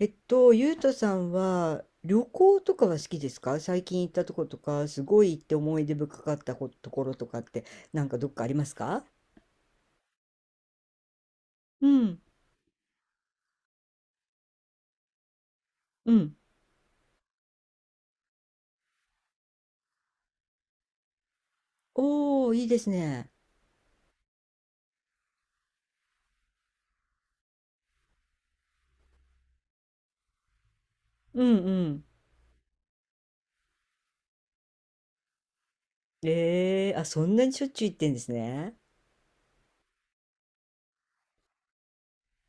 ゆうとさんは旅行とかは好きですか？最近行ったとことか、すごい行って思い出深かったことところとかって、なんかどっかありますか？うん、うん。おー、いいですね。うんうん。えー、あ、そんなにしょっちゅう行ってんですね。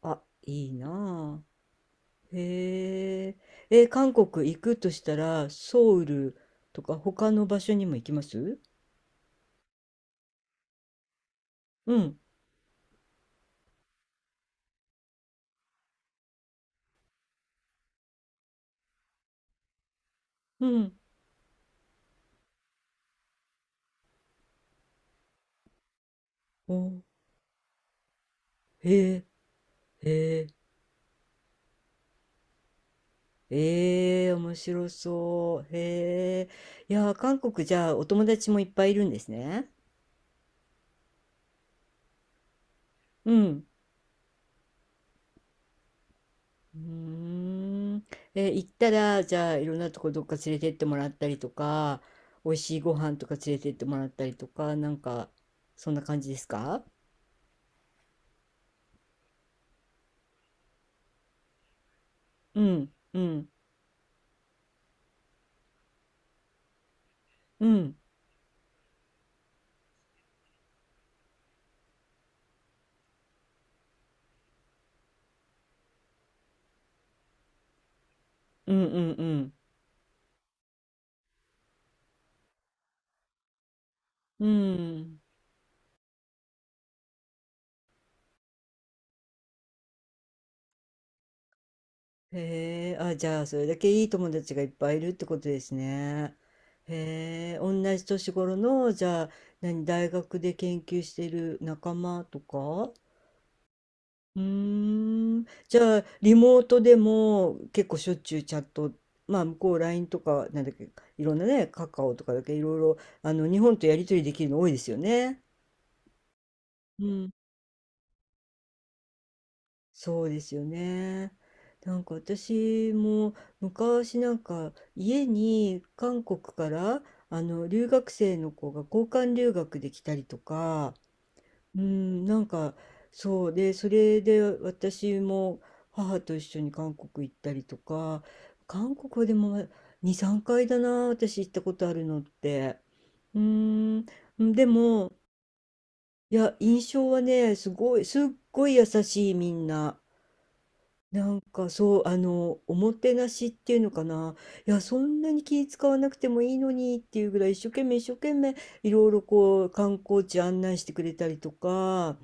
あ、いいなあ。へえ。えー、韓国行くとしたら、ソウルとか他の場所にも行きます？うん、うん。おー、へえ、へえ。ええ面白そう。へえ。いやー、韓国じゃあお友達もいっぱいいるんですね。うん。うーん。え行ったら、じゃあいろんなとこどっか連れてってもらったりとか、美味しいご飯とか連れてってもらったりとか、なんか、そんな感じですか？うん、うん、うん、うん、うん、うん、うん。へえ、あ、じゃあ、それだけいい友達がいっぱいいるってことですね。へえ、同じ年頃の、じゃあ、何、大学で研究している仲間とか？うーん、じゃあ、リモートでも結構しょっちゅうチャット、まあ、向こう LINE とか、なんだっけ、いろんなね、カカオとかだけいろいろ、あの、日本とやりとりできるの多いですよね。うん。そうですよね。なんか私も昔なんか家に韓国からあの留学生の子が交換留学で来たりとか、うん、なんかそうで、それで私も母と一緒に韓国行ったりとか、韓国はでも2、3回だな、私行ったことあるのって。うん、でも、いや、印象はね、すごい、すっごい優しいみんな。なんかそう、あの、おもてなしっていうのかな。いや、そんなに気使わなくてもいいのにっていうぐらい一生懸命一生懸命いろいろこう観光地案内してくれたりとか、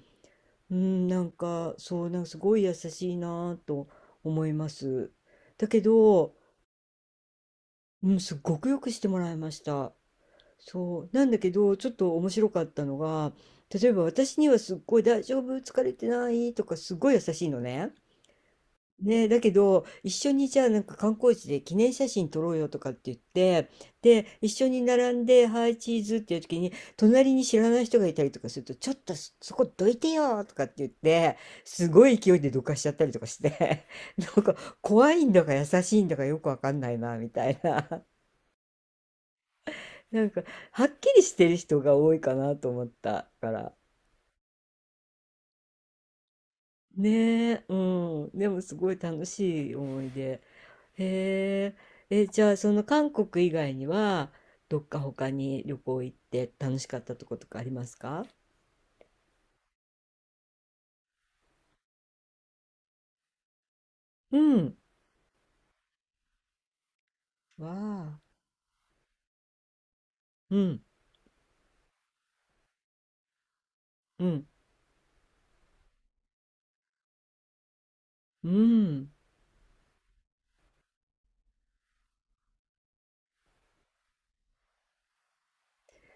うん、なんかそう、なんかすごい優しいなぁと思います。だけど、うん、すっごくよくしてもらいました。そう。なんだけど、ちょっと面白かったのが、例えば私にはすっごい大丈夫、疲れてないとかすっごい優しいのね。ね、だけど、一緒にじゃあなんか観光地で記念写真撮ろうよとかって言って、で、一緒に並んで、はい、チーズっていう時に、隣に知らない人がいたりとかすると、ちょっとそこどいてよとかって言って、すごい勢いでどかしちゃったりとかして なんか怖いんだか優しいんだかよくわかんないな、みたいな。なんか、はっきりしてる人が多いかなと思ったから。ねえ、うん。でもすごい楽しい思い出。へえ、え、じゃあその韓国以外にはどっか他に旅行行って楽しかったとことかありますか？うん。わあ。うん。うん。うん。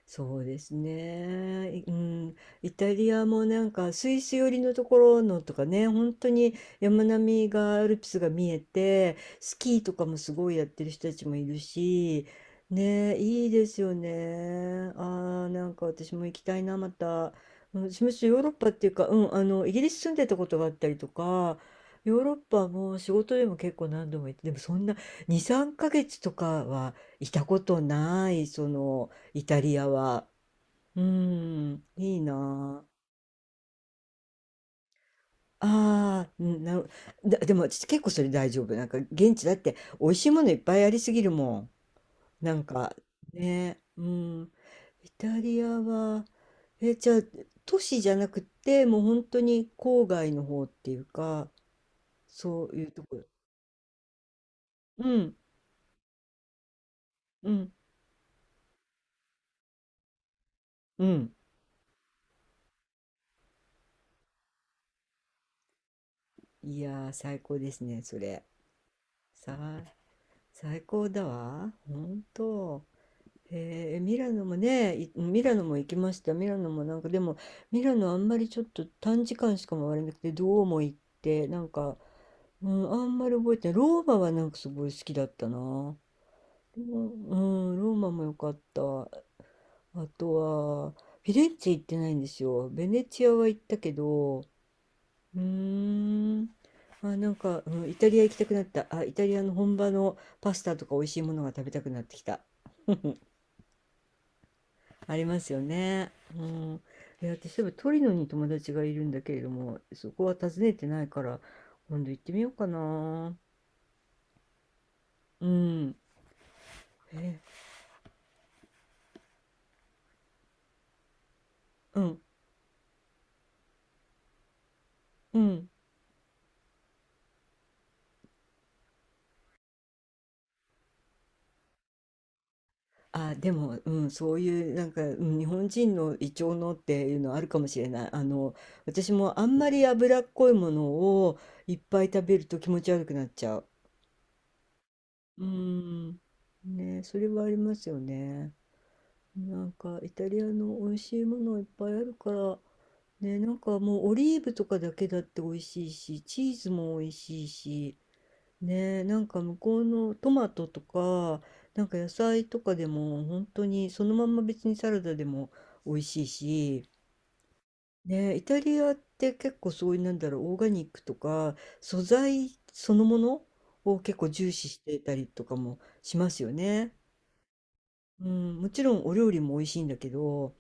そうですね。いうん、イタリアもなんかスイス寄りのところのとかね、本当に山並みがアルプスが見えて、スキーとかもすごいやってる人たちもいるし、ね、いいですよね。ああ、なんか私も行きたいな、また。うん、私もヨーロッパっていうか、うん、あの、イギリス住んでたことがあったりとか、ヨーロッパも仕事でも結構何度も行って、でもそんな2、3ヶ月とかはいたことない、その、イタリアは。うん。いいなあ。あーうんなる、だ、でも私結構それ大丈夫。なんか現地だって美味しいものいっぱいありすぎるもん。なんかね、うん。イタリアは、え、じゃあ都市じゃなくてもう本当に郊外の方っていうか、そういうところ。うん、うん、うん。いやー、最高ですね、それ。さあ、最高だわ。本当。へえ、ミラノもね、ミラノも行きました。ミラノもなんかでも、ミラノあんまりちょっと短時間しか回れなくて、どうも行って、なんか、うん、あんまり覚えてない。ローマはなんかすごい好きだったな。うん、うんローマも良かった。あとは、フィレンツェ行ってないんですよ。ベネチアは行ったけど、うーん、あ、なんか、うん、イタリア行きたくなった。あ、イタリアの本場のパスタとか美味しいものが食べたくなってきた。ありますよね。うん。いや、私、例えばトリノに友達がいるんだけれども、そこは訪ねてないから、今度行ってみようかな。うん。え、うん、うん。あ、でも、うん、そういう、なんか、うん、日本人の胃腸のっていうのはあるかもしれない。あの、私もあんまり脂っこいものをいっぱい食べると気持ち悪くなっちゃう。うん。ね、それはありますよね。なんかイタリアの美味しいものいっぱいあるから、ね、なんかもうオリーブとかだけだって美味しいし、チーズも美味しいし、ね、なんか向こうのトマトとか、なんか野菜とかでも本当にそのまんま別にサラダでも美味しいし、ね、イタリアって結構そういうなんだろう、オーガニックとか素材そのものを結構重視してたりとかもしますよね。うん、もちろんお料理も美味しいんだけど、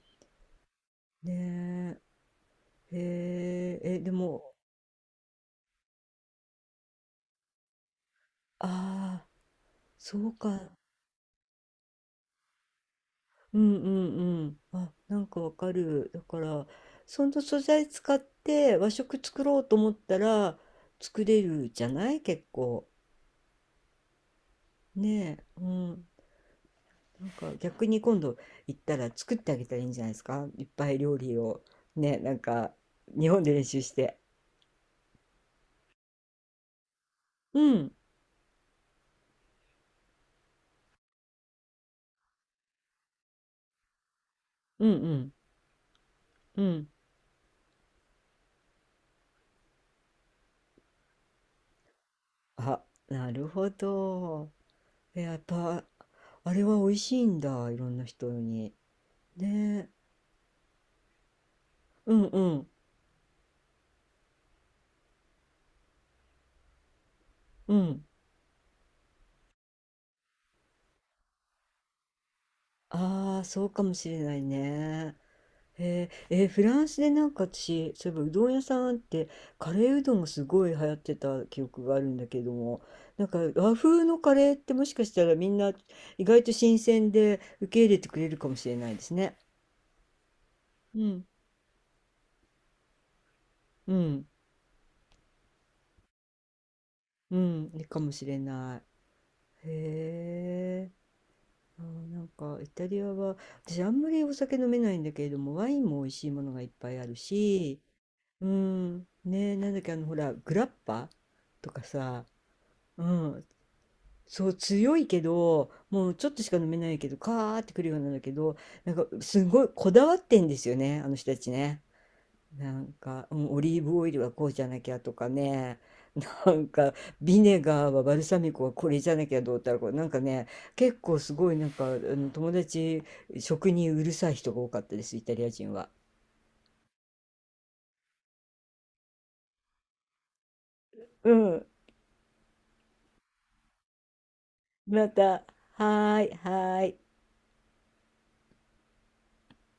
ねえ、へええ、でも、ああ、そうか。うんうんうん。あ、なんかわかる。だから、その素材使って和食作ろうと思ったら作れるじゃない結構。ねえ。うん。なんか逆に今度行ったら作ってあげたらいいんじゃないですか？いっぱい料理を。ね、なんか日本で練習して。うん。うんうんうん。あ、なるほど。えやっぱ、あれは美味しいんだ。いろんな人に。ねえ。うんうん。うん。ああ、そうかもしれないね。へえー、えーフランスでなんか私、そういえばうどん屋さんってカレーうどんがすごい流行ってた記憶があるんだけども、なんか和風のカレーってもしかしたらみんな意外と新鮮で受け入れてくれるかもしれないですね。うん、うん、うん、いいかもしれない。へえ、あー、なんかイタリアは私あんまりお酒飲めないんだけれども、ワインも美味しいものがいっぱいあるし、うん、ねえ、なんだっけ、あの、ほら、グラッパとかさ、うん、そう、強いけど、もうちょっとしか飲めないけど、カーってくるようなんだけど、なんか、すごいこだわってんですよね、あの人たちね。なんか、うん、オリーブオイルはこうじゃなきゃとかね、なんか、ビネガーはバルサミコはこれじゃなきゃどうたらこう、なんかね、結構すごい、なんか、あの友達、食にうるさい人が多かったです、イタリア人は。うん、また、はーい、はーい。